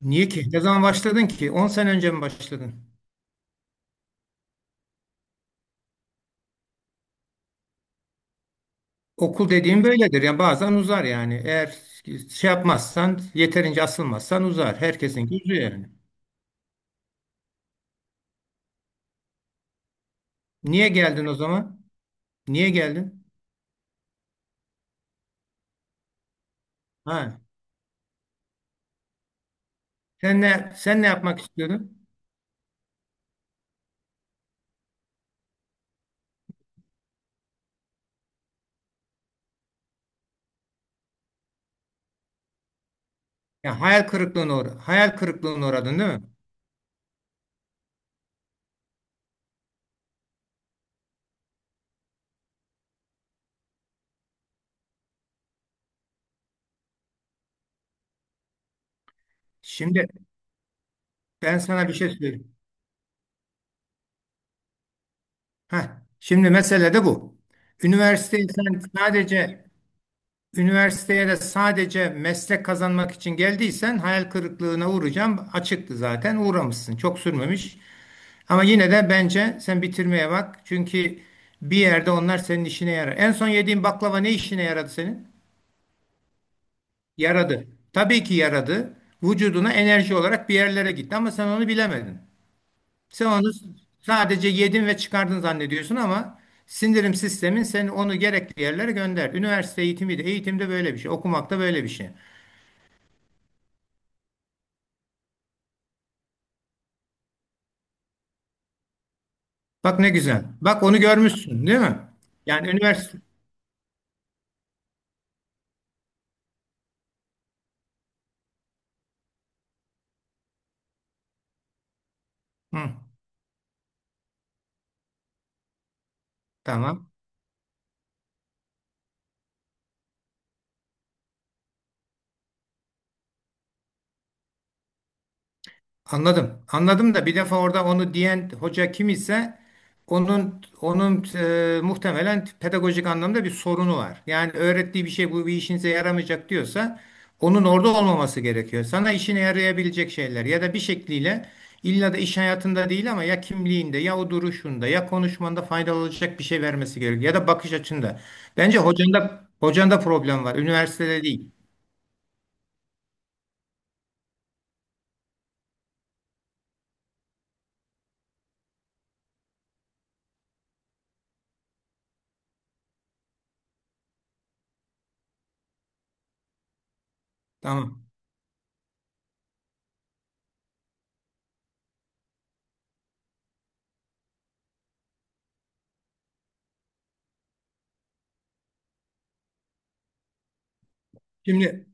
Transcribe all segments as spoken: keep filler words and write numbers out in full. Niye ki? Ne zaman başladın ki? On sene önce mi başladın? Okul dediğim böyledir. Yani bazen uzar yani. Eğer şey yapmazsan, yeterince asılmazsan uzar. Herkesinki uzuyor yani. Niye geldin o zaman? Niye geldin? Ha. Sen ne sen ne yapmak istiyordun? Ya hayal kırıklığına uğra hayal kırıklığına uğradın değil mi? Şimdi ben sana bir şey söyleyeyim. Ha. Şimdi mesele de bu. Üniversiteyi sen sadece Üniversiteye de sadece meslek kazanmak için geldiysen hayal kırıklığına uğrayacağım. Açıktı zaten uğramışsın. Çok sürmemiş. Ama yine de bence sen bitirmeye bak. Çünkü bir yerde onlar senin işine yarar. En son yediğin baklava ne işine yaradı senin? Yaradı. Tabii ki yaradı. Vücuduna enerji olarak bir yerlere gitti ama sen onu bilemedin. Sen onu sadece yedin ve çıkardın zannediyorsun ama sindirim sistemin seni onu gerekli yerlere gönder. Üniversite eğitimi de eğitimde böyle bir şey. Okumak da böyle bir şey. Bak ne güzel. Bak onu görmüşsün değil mi? Yani üniversite. Hı, tamam. Anladım. Anladım da bir defa orada onu diyen hoca kim ise onun onun e, muhtemelen pedagojik anlamda bir sorunu var. Yani öğrettiği bir şey bu bir işinize yaramayacak diyorsa onun orada olmaması gerekiyor. Sana işine yarayabilecek şeyler ya da bir şekliyle illa da iş hayatında değil ama ya kimliğinde ya o duruşunda ya konuşmanda faydalı olacak bir şey vermesi gerekiyor ya da bakış açında. Bence hocanda hocanda problem var. Üniversitede değil. Tamam. Şimdi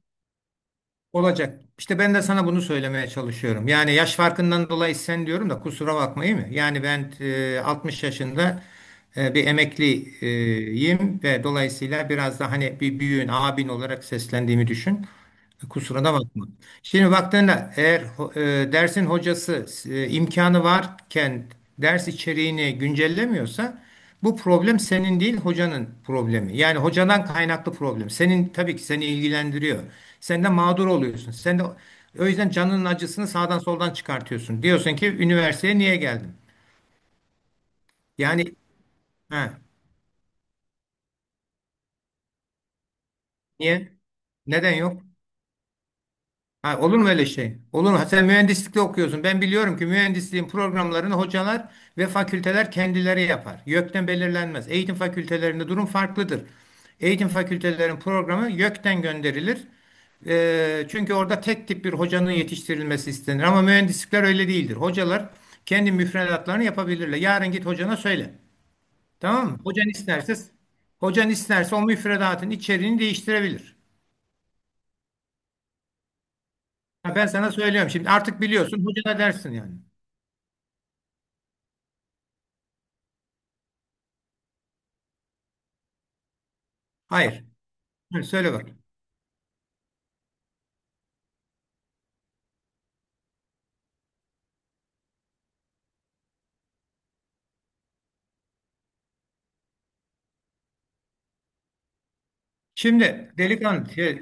Olacak. İşte ben de sana bunu söylemeye çalışıyorum. Yani yaş farkından dolayı sen diyorum da kusura bakmayın mı? Yani ben e, altmış yaşında e, bir emekliyim ve dolayısıyla biraz da hani bir büyüğün, abin olarak seslendiğimi düşün. Kusura da bakma. Şimdi baktığında eğer ho- e, dersin hocası e, imkanı varken ders içeriğini güncellemiyorsa bu problem senin değil hocanın problemi. Yani hocadan kaynaklı problem. Senin tabii ki seni ilgilendiriyor. Sen de mağdur oluyorsun. Sen de o yüzden canının acısını sağdan soldan çıkartıyorsun. Diyorsun ki üniversiteye niye geldim? Yani ha, niye? Neden yok? Ha, olur mu öyle şey? Olur mu? Sen mühendislikte okuyorsun. Ben biliyorum ki mühendisliğin programlarını hocalar ve fakülteler kendileri yapar. YÖK'ten belirlenmez. Eğitim fakültelerinde durum farklıdır. Eğitim fakültelerin programı YÖK'ten gönderilir. Ee, çünkü orada tek tip bir hocanın yetiştirilmesi istenir. Ama mühendislikler öyle değildir. Hocalar kendi müfredatlarını yapabilirler. Yarın git hocana söyle. Tamam mı? Hocan isterse, hocan isterse o müfredatın içeriğini değiştirebilir. Ha, ben sana söylüyorum şimdi. Artık biliyorsun hocana dersin yani. Hayır. Hı, Söyle bak. Şimdi delikanlı şey,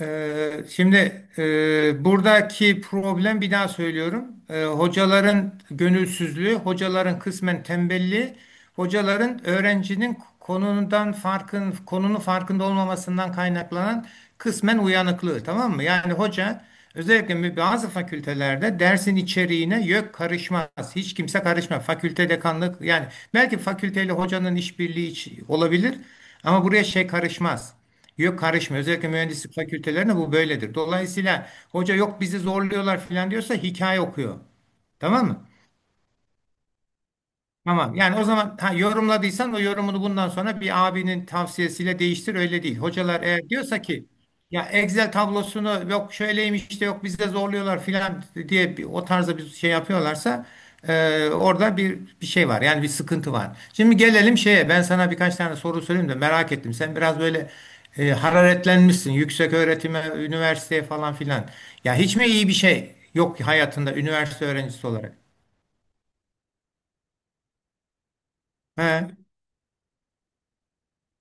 Ee, şimdi e, buradaki problem bir daha söylüyorum. Ee, hocaların gönülsüzlüğü, hocaların kısmen tembelliği, hocaların öğrencinin konundan farkın, konunun farkında olmamasından kaynaklanan kısmen uyanıklığı, tamam mı? Yani hoca özellikle mü- bazı fakültelerde dersin içeriğine yok karışmaz. Hiç kimse karışmaz. Fakülte dekanlık yani belki fakülteyle hocanın işbirliği iç- olabilir ama buraya şey karışmaz. Yok karışmıyor. Özellikle mühendislik fakültelerinde bu böyledir. Dolayısıyla hoca yok bizi zorluyorlar falan diyorsa hikaye okuyor. Tamam mı? Tamam. Yani o zaman ha, yorumladıysan o yorumunu bundan sonra bir abinin tavsiyesiyle değiştir öyle değil. Hocalar eğer diyorsa ki ya Excel tablosunu yok şöyleymiş de yok bizde zorluyorlar filan diye bir, o tarzda bir şey yapıyorlarsa e, orada bir bir şey var. Yani bir sıkıntı var. Şimdi gelelim şeye. Ben sana birkaç tane soru sorayım da merak ettim. Sen biraz böyle e, hararetlenmişsin. Yüksek öğretime, üniversiteye falan filan. Ya hiç mi iyi bir şey yok hayatında üniversite öğrencisi olarak? He.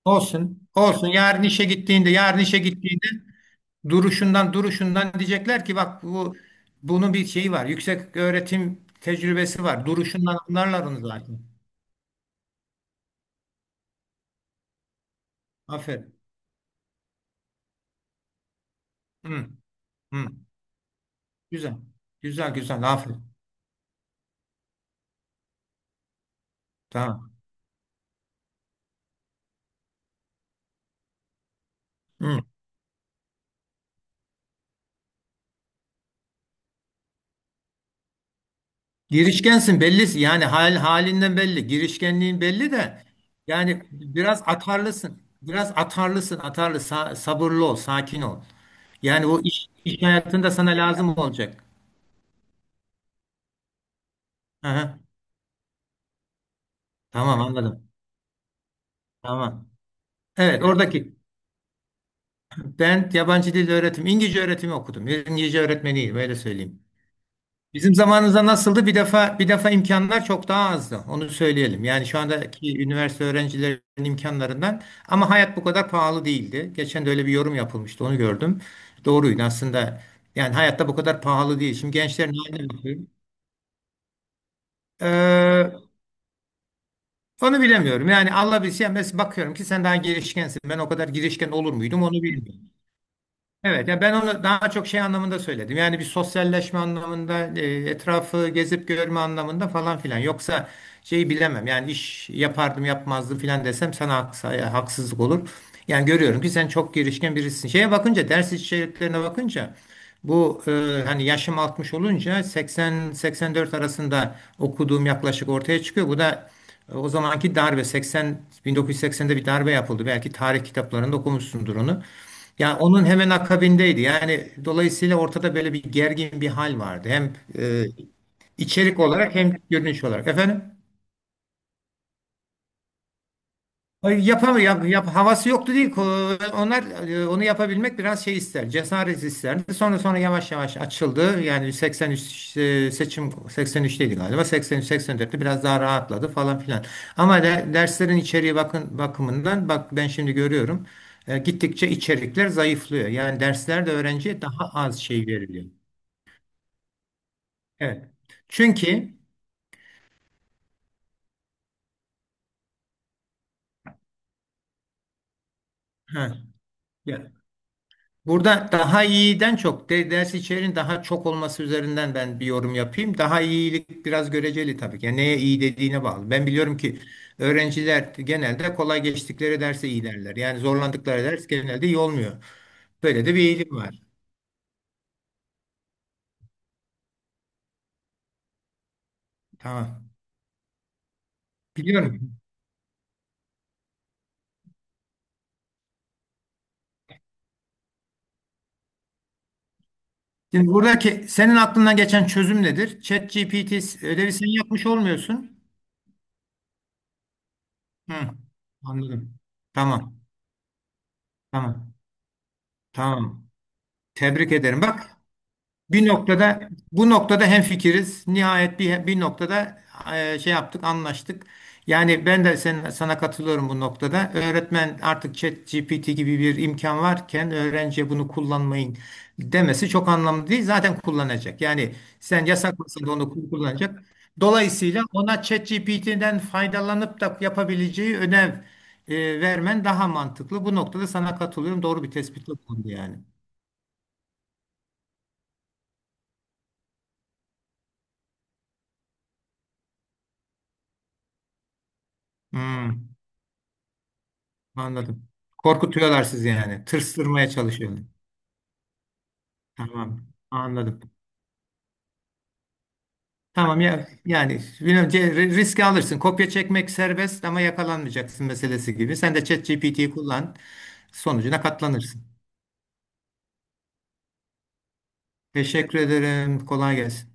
Olsun. Olsun. Yarın işe gittiğinde, yarın işe gittiğinde duruşundan duruşundan diyecekler ki bak bu bunun bir şeyi var. Yüksek öğretim tecrübesi var. Duruşundan anlarlar onu zaten. Aferin. Hı, hı. Güzel. Güzel güzel. Aferin. Tamam. Hı. Girişkensin belli. Yani hal halinden belli. Girişkenliğin belli de yani biraz atarlısın. Biraz atarlısın. Atarlı. Sa- sabırlı ol. Sakin ol. Yani o iş, iş hayatında sana lazım olacak. Aha. Tamam anladım. Tamam. Evet oradaki ben yabancı dil öğretim İngilizce öğretimi okudum. İngilizce öğretmeniyim öyle söyleyeyim. Bizim zamanımızda nasıldı? Bir defa bir defa imkanlar çok daha azdı. Onu söyleyelim. Yani şu andaki üniversite öğrencilerinin imkanlarından ama hayat bu kadar pahalı değildi. Geçen de öyle bir yorum yapılmıştı. Onu gördüm. Doğruydu aslında. Yani hayatta bu kadar pahalı değil. Şimdi gençlerin haline bakıyorum. Ee, Onu bilemiyorum. Yani Allah bilsin. Mesela bakıyorum ki sen daha girişkensin. Ben o kadar girişken olur muydum onu bilmiyorum. Evet, ya ben onu daha çok şey anlamında söyledim. Yani bir sosyalleşme anlamında, e, etrafı gezip görme anlamında falan filan. Yoksa şeyi bilemem. Yani iş yapardım yapmazdım filan desem sana haks- e, haksızlık olur. Yani görüyorum ki sen çok girişken birisin. Şeye bakınca, ders içeriklerine bakınca bu e, hani yaşım altmış olunca seksen seksen dört arasında okuduğum yaklaşık ortaya çıkıyor. Bu da e, o zamanki darbe seksen bin dokuz yüz seksende bir darbe yapıldı. Belki tarih kitaplarında okumuşsundur onu. Yani onun hemen akabindeydi. Yani dolayısıyla ortada böyle bir gergin bir hal vardı. Hem e, içerik olarak hem görünüş olarak. Efendim? Hayır, yapamıyor. Yap, yap- havası yoktu değil. Ko- Onlar e, onu yapabilmek biraz şey ister. Cesaret isterdi. Sonra sonra yavaş yavaş açıldı. Yani seksen üç e, seçim seksen üçteydi galiba. seksen üç seksen dörtte biraz daha rahatladı falan filan. Ama de, derslerin içeriği bakın bakımından bak ben şimdi görüyorum. E, gittikçe içerikler zayıflıyor. Yani derslerde öğrenciye daha az şey veriliyor. Evet. Çünkü ha, ya- burada daha iyiden çok de, ders içeriğin daha çok olması üzerinden ben bir yorum yapayım. Daha iyilik biraz göreceli tabii ki. Yani neye iyi dediğine bağlı. Ben biliyorum ki öğrenciler genelde kolay geçtikleri derse iyi derler. Yani zorlandıkları ders genelde iyi olmuyor. Böyle de bir eğilim var. Tamam. Biliyorum. Şimdi buradaki senin aklından geçen çözüm nedir? ChatGPT ödevi sen yapmış olmuyorsun. Hı, anladım. Tamam. Tamam. Tamam. Tebrik ederim. Bak Bir noktada bu noktada hemfikiriz. Nihayet bir bir noktada e, şey yaptık, anlaştık. Yani ben de sen, sana katılıyorum bu noktada. Öğretmen artık ChatGPT gibi bir imkan varken öğrenciye bunu kullanmayın demesi çok anlamlı değil. Zaten kullanacak. Yani sen yasaklasan da onu kul- kullanacak. Dolayısıyla ona ChatGPT'den faydalanıp da yapabileceği ödev e, vermen daha mantıklı. Bu noktada sana katılıyorum. Doğru bir tespitte bulundu yani. Hmm. Anladım. Korkutuyorlar sizi yani. Tırstırmaya çalışıyorlar. Tamam. Anladım. Tamam ya yani bilmiyorum, ce- ri- riski alırsın. Kopya çekmek serbest ama yakalanmayacaksın meselesi gibi. Sen de ChatGPT'yi kullan. Sonucuna katlanırsın. Teşekkür ederim. Kolay gelsin.